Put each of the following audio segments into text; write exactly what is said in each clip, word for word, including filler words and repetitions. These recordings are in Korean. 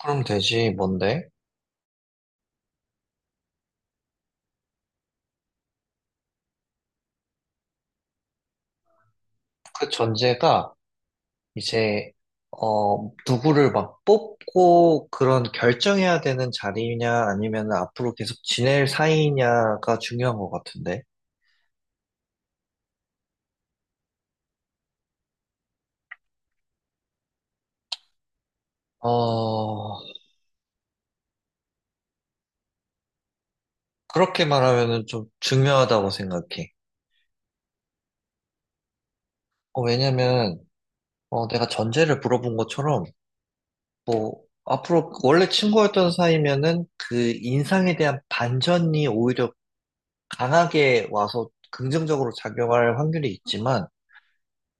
그럼 되지, 뭔데? 그 전제가 이제, 어, 누구를 막 뽑고 그런 결정해야 되는 자리냐, 아니면 앞으로 계속 지낼 사이냐가 중요한 것 같은데. 어, 그렇게 말하면은 좀 중요하다고 생각해. 어, 왜냐면, 어, 내가 전제를 물어본 것처럼, 뭐, 앞으로 원래 친구였던 사이면은 그 인상에 대한 반전이 오히려 강하게 와서 긍정적으로 작용할 확률이 있지만,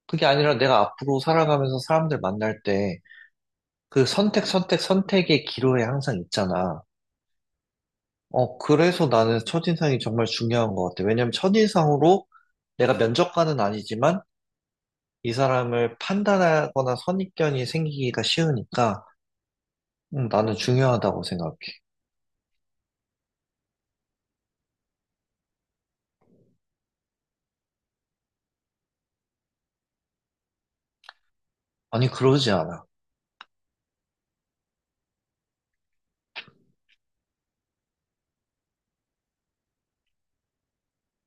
그게 아니라 내가 앞으로 살아가면서 사람들 만날 때 그 선택, 선택, 선택의 기로에 항상 있잖아. 어, 그래서 나는 첫인상이 정말 중요한 것 같아. 왜냐면 첫인상으로 내가 면접관은 아니지만 이 사람을 판단하거나 선입견이 생기기가 쉬우니까 음, 나는 중요하다고 생각해. 아니, 그러지 않아.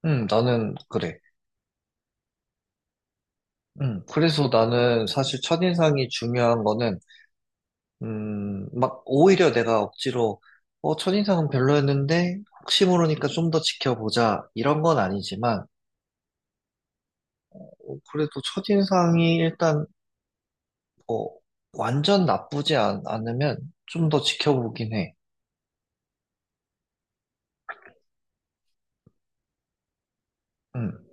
음, 나는 그래. 음, 그래서 나는 사실 첫인상이 중요한 거는 음, 막, 오히려 내가 억지로, 어, 첫인상은 별로였는데, 혹시 모르니까 좀 더 지켜보자, 이런 건 아니지만, 어, 그래도 첫인상이 일단, 뭐 완전 나쁘지 않, 않으면 좀 더 지켜보긴 해. 음.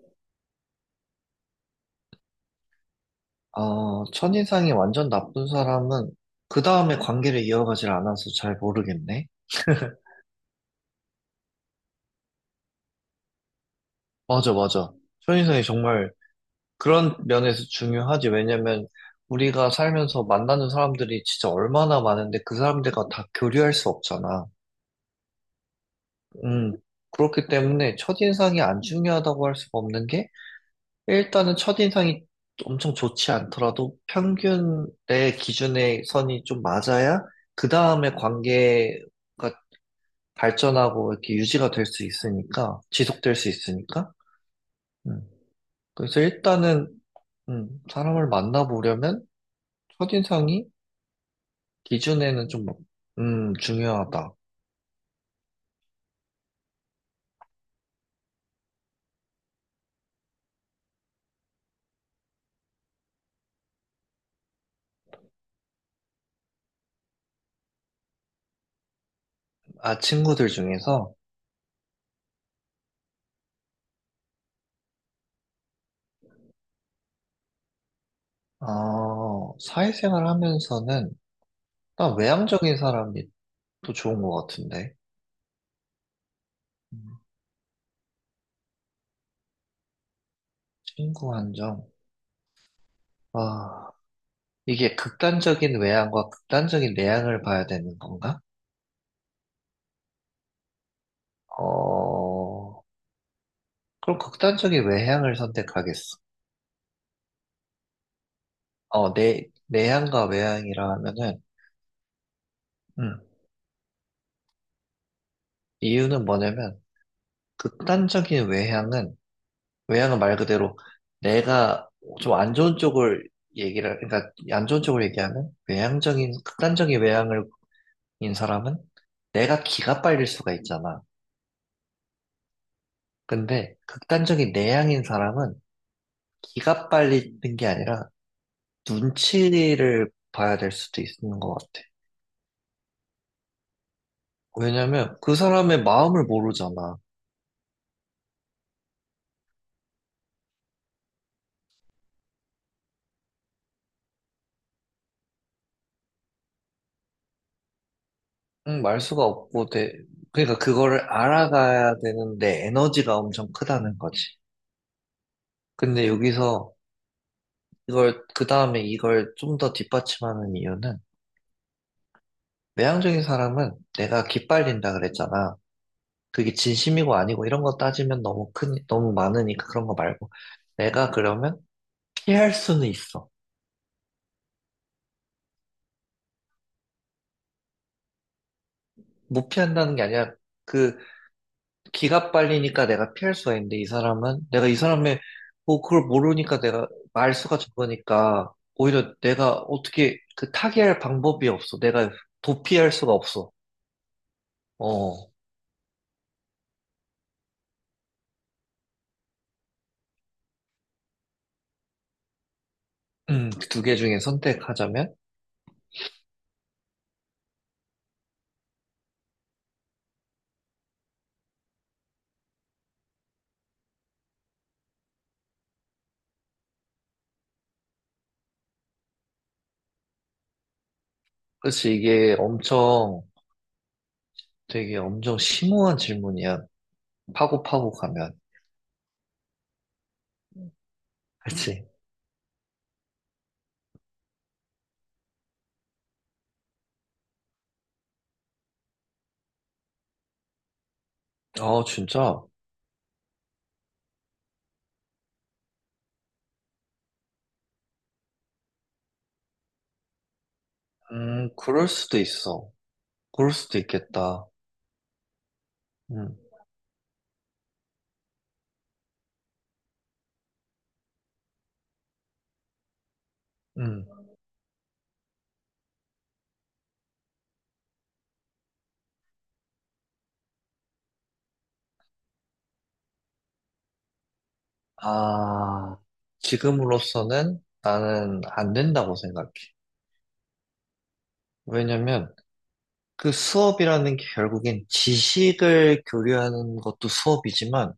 어, 첫인상이 완전 나쁜 사람은, 그 다음에 관계를 이어가질 않아서 잘 모르겠네. 맞아, 맞아. 첫인상이 정말 그런 면에서 중요하지. 왜냐면 우리가 살면서 만나는 사람들이 진짜 얼마나 많은데 그 사람들과 다 교류할 수 없잖아. 음. 그렇기 때문에 첫인상이 안 중요하다고 할 수가 없는 게 일단은 첫인상이 엄청 좋지 않더라도 평균 내 기준의 선이 좀 맞아야 그 다음에 관계가 발전하고 이렇게 유지가 될 수 있으니까 지속될 수 있으니까. 음. 그래서 일단은 음, 사람을 만나보려면 첫인상이 기준에는 좀, 음, 중요하다. 아, 친구들 중에서, 어, 사회생활 하면서는, 난 외향적인 사람이 또 좋은 것 같은데. 음, 친구 한정. 아, 이게 극단적인 외향과 극단적인 내향을 봐야 되는 건가? 어, 그럼 극단적인 외향을 선택하겠어. 어, 내, 내향과 외향이라 하면은, 음, 이유는 뭐냐면, 극단적인 외향은 외향은 말 그대로 내가 좀 안 좋은 쪽을 얘기를, 그러니까 안 좋은 쪽을 얘기하면 외향적인, 극단적인 외향을 인 사람은 내가 기가 빨릴 수가 있잖아. 근데 극단적인 내향인 사람은 기가 빨리는 게 아니라 눈치를 봐야 될 수도 있는 것 같아. 왜냐면 그 사람의 마음을 모르잖아. 응, 말 수가 없고, 내, 그러니까 그거를 알아가야 되는데 에너지가 엄청 크다는 거지. 근데 여기서 이걸, 그 다음에 이걸 좀 더 뒷받침하는 이유는, 외향적인 사람은 내가 기빨린다 그랬잖아. 그게 진심이고 아니고 이런 거 따지면 너무 큰, 너무 많으니까 그런 거 말고. 내가 그러면 피할 수는 있어. 못 피한다는 게 아니라, 그, 기가 빨리니까 내가 피할 수가 있는데, 이 사람은, 내가 이 사람의, 뭐, 그걸 모르니까 내가, 말수가 적으니까, 오히려 내가 어떻게, 그, 타개할 방법이 없어. 내가 도피할 수가 없어. 어, 음, 두 개 중에 선택하자면? 그치, 이게 엄청, 되게 엄청 심오한 질문이야. 파고 파고 가면. 그치? 어, 진짜? 음, 그럴 수도 있어. 그럴 수도 있겠다. 음, 음. 아, 지금으로서는 나는 안 된다고 생각해. 왜냐면 그 수업이라는 게 결국엔 지식을 교류하는 것도 수업이지만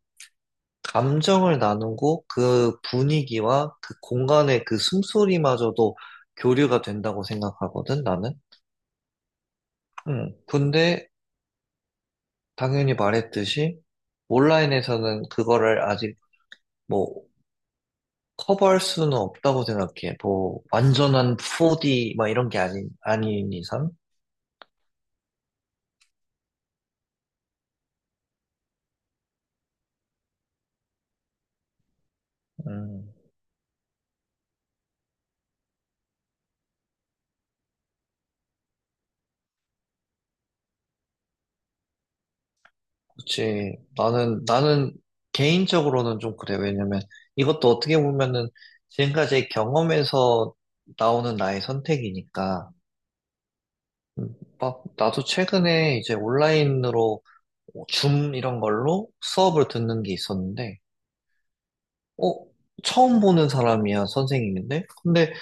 감정을 나누고 그 분위기와 그 공간의 그 숨소리마저도 교류가 된다고 생각하거든, 나는. 음, 근데 당연히 말했듯이 온라인에서는 그거를 아직 뭐 커버할 수는 없다고 생각해. 뭐 완전한 포 디 막 이런 게 아닌 아닌 이상. 음, 그지 나는 나는 개인적으로는 좀 그래. 왜냐면 이것도 어떻게 보면은 지금까지의 경험에서 나오는 나의 선택이니까. 음, 막 나도 최근에 이제 온라인으로 줌 이런 걸로 수업을 듣는 게 있었는데. 어, 처음 보는 사람이야, 선생님인데? 근데,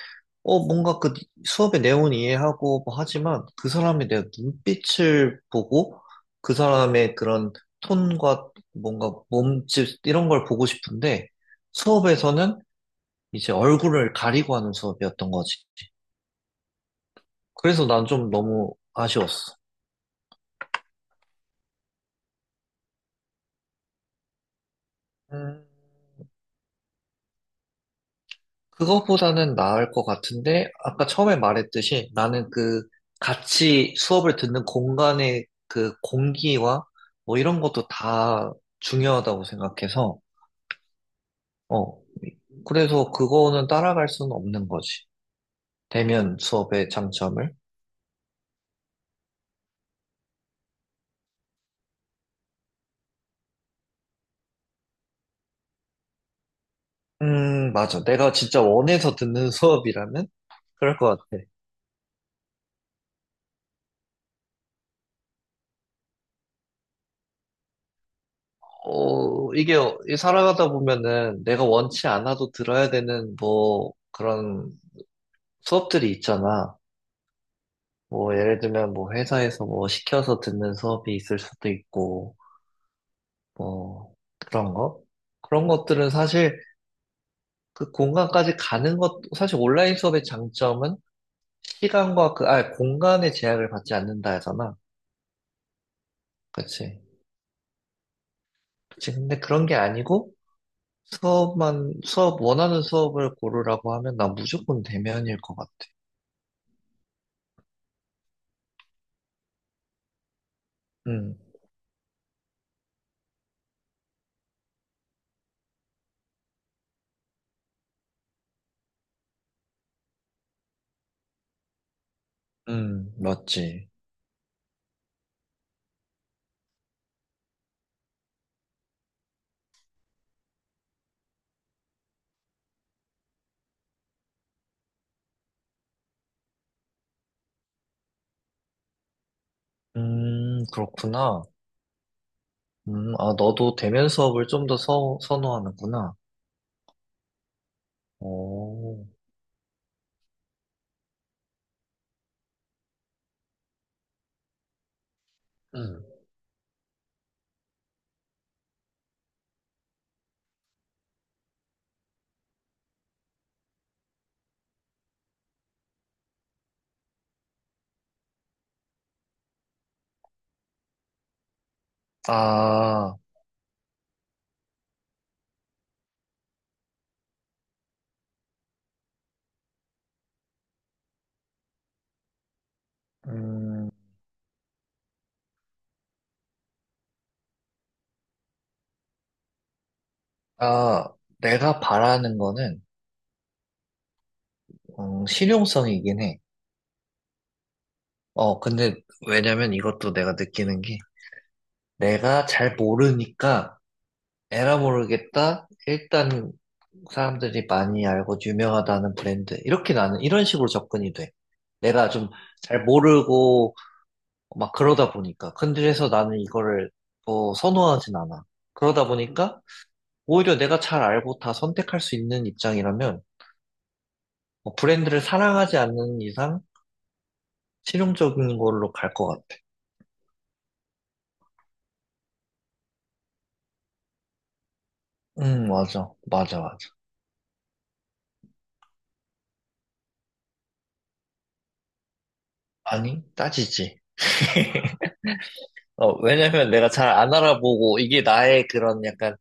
어, 뭔가 그 수업의 내용은 이해하고 뭐 하지만 그 사람에 대한 눈빛을 보고 그 사람의 그런 톤과 뭔가 몸짓 이런 걸 보고 싶은데 수업에서는 이제 얼굴을 가리고 하는 수업이었던 거지. 그래서 난 좀 너무 아쉬웠어. 음. 그거보다는 나을 것 같은데, 아까 처음에 말했듯이 나는 그 같이 수업을 듣는 공간의 그 공기와 뭐 이런 것도 다 중요하다고 생각해서, 어, 그래서 그거는 따라갈 수는 없는 거지. 대면 수업의 장점을. 음, 맞아. 내가 진짜 원해서 듣는 수업이라면 그럴 것 같아. 어, 이게 살아가다 보면은 내가 원치 않아도 들어야 되는 뭐 그런 수업들이 있잖아. 뭐, 예를 들면, 뭐, 회사에서 뭐, 시켜서 듣는 수업이 있을 수도 있고, 뭐, 그런 거? 그런 것들은 사실 그 공간까지 가는 것, 사실 온라인 수업의 장점은 시간과 그, 아, 공간의 제약을 받지 않는다 하잖아. 그치. 그치. 근데 그런 게 아니고, 수업만, 수업, 원하는 수업을 고르라고 하면 난 무조건 대면일 것 같아. 음, 음, 맞지. 음, 그렇구나. 음, 아, 너도 대면 수업을 좀 더 선호하는구나. 오. 음, 아, 음, 아, 내가 바라는 거는, 음, 실용성이긴 해. 어, 근데, 왜냐면 이것도 내가 느끼는 게, 내가 잘 모르니까, 에라 모르겠다? 일단, 사람들이 많이 알고 유명하다는 브랜드. 이렇게 나는, 이런 식으로 접근이 돼. 내가 좀 잘 모르고, 막 그러다 보니까. 근데 그래서 나는 이거를, 뭐, 선호하진 않아. 그러다 보니까, 오히려 내가 잘 알고 다 선택할 수 있는 입장이라면 뭐 브랜드를 사랑하지 않는 이상 실용적인 걸로 갈 것 같아. 음, 맞아. 맞아, 맞아. 아니, 따지지. 어, 왜냐면 내가 잘 안 알아보고 이게 나의 그런 약간,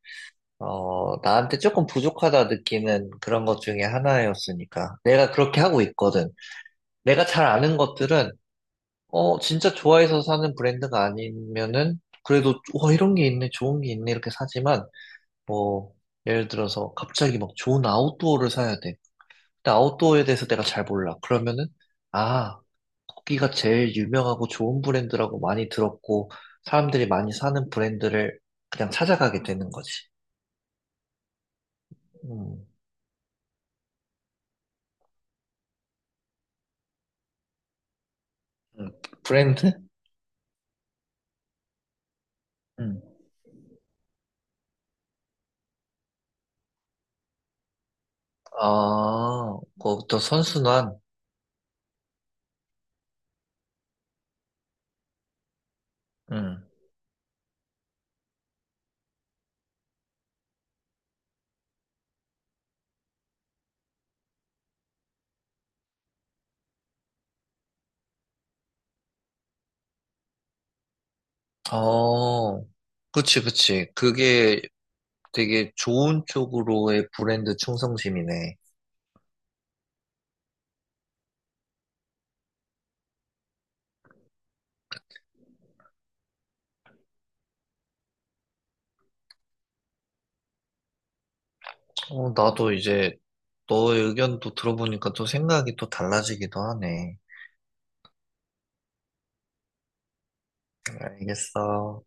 어, 나한테 조금 부족하다 느끼는 그런 것 중에 하나였으니까. 내가 그렇게 하고 있거든. 내가 잘 아는 것들은, 어, 진짜 좋아해서 사는 브랜드가 아니면은, 그래도, 와, 이런 게 있네, 좋은 게 있네, 이렇게 사지만, 뭐, 예를 들어서 갑자기 막 좋은 아웃도어를 사야 돼. 근데 아웃도어에 대해서 내가 잘 몰라. 그러면은, 아, 거기가 제일 유명하고 좋은 브랜드라고 많이 들었고, 사람들이 많이 사는 브랜드를 그냥 찾아가게 되는 거지. 음. 음, 브랜드? 음, 아, 그것부터 선순환. 음, 어, 그치, 그치. 그게 되게 좋은 쪽으로의 브랜드 충성심이네. 어, 나도 이제 너의 의견도 들어보니까 또 생각이 또 달라지기도 하네. 알겠어.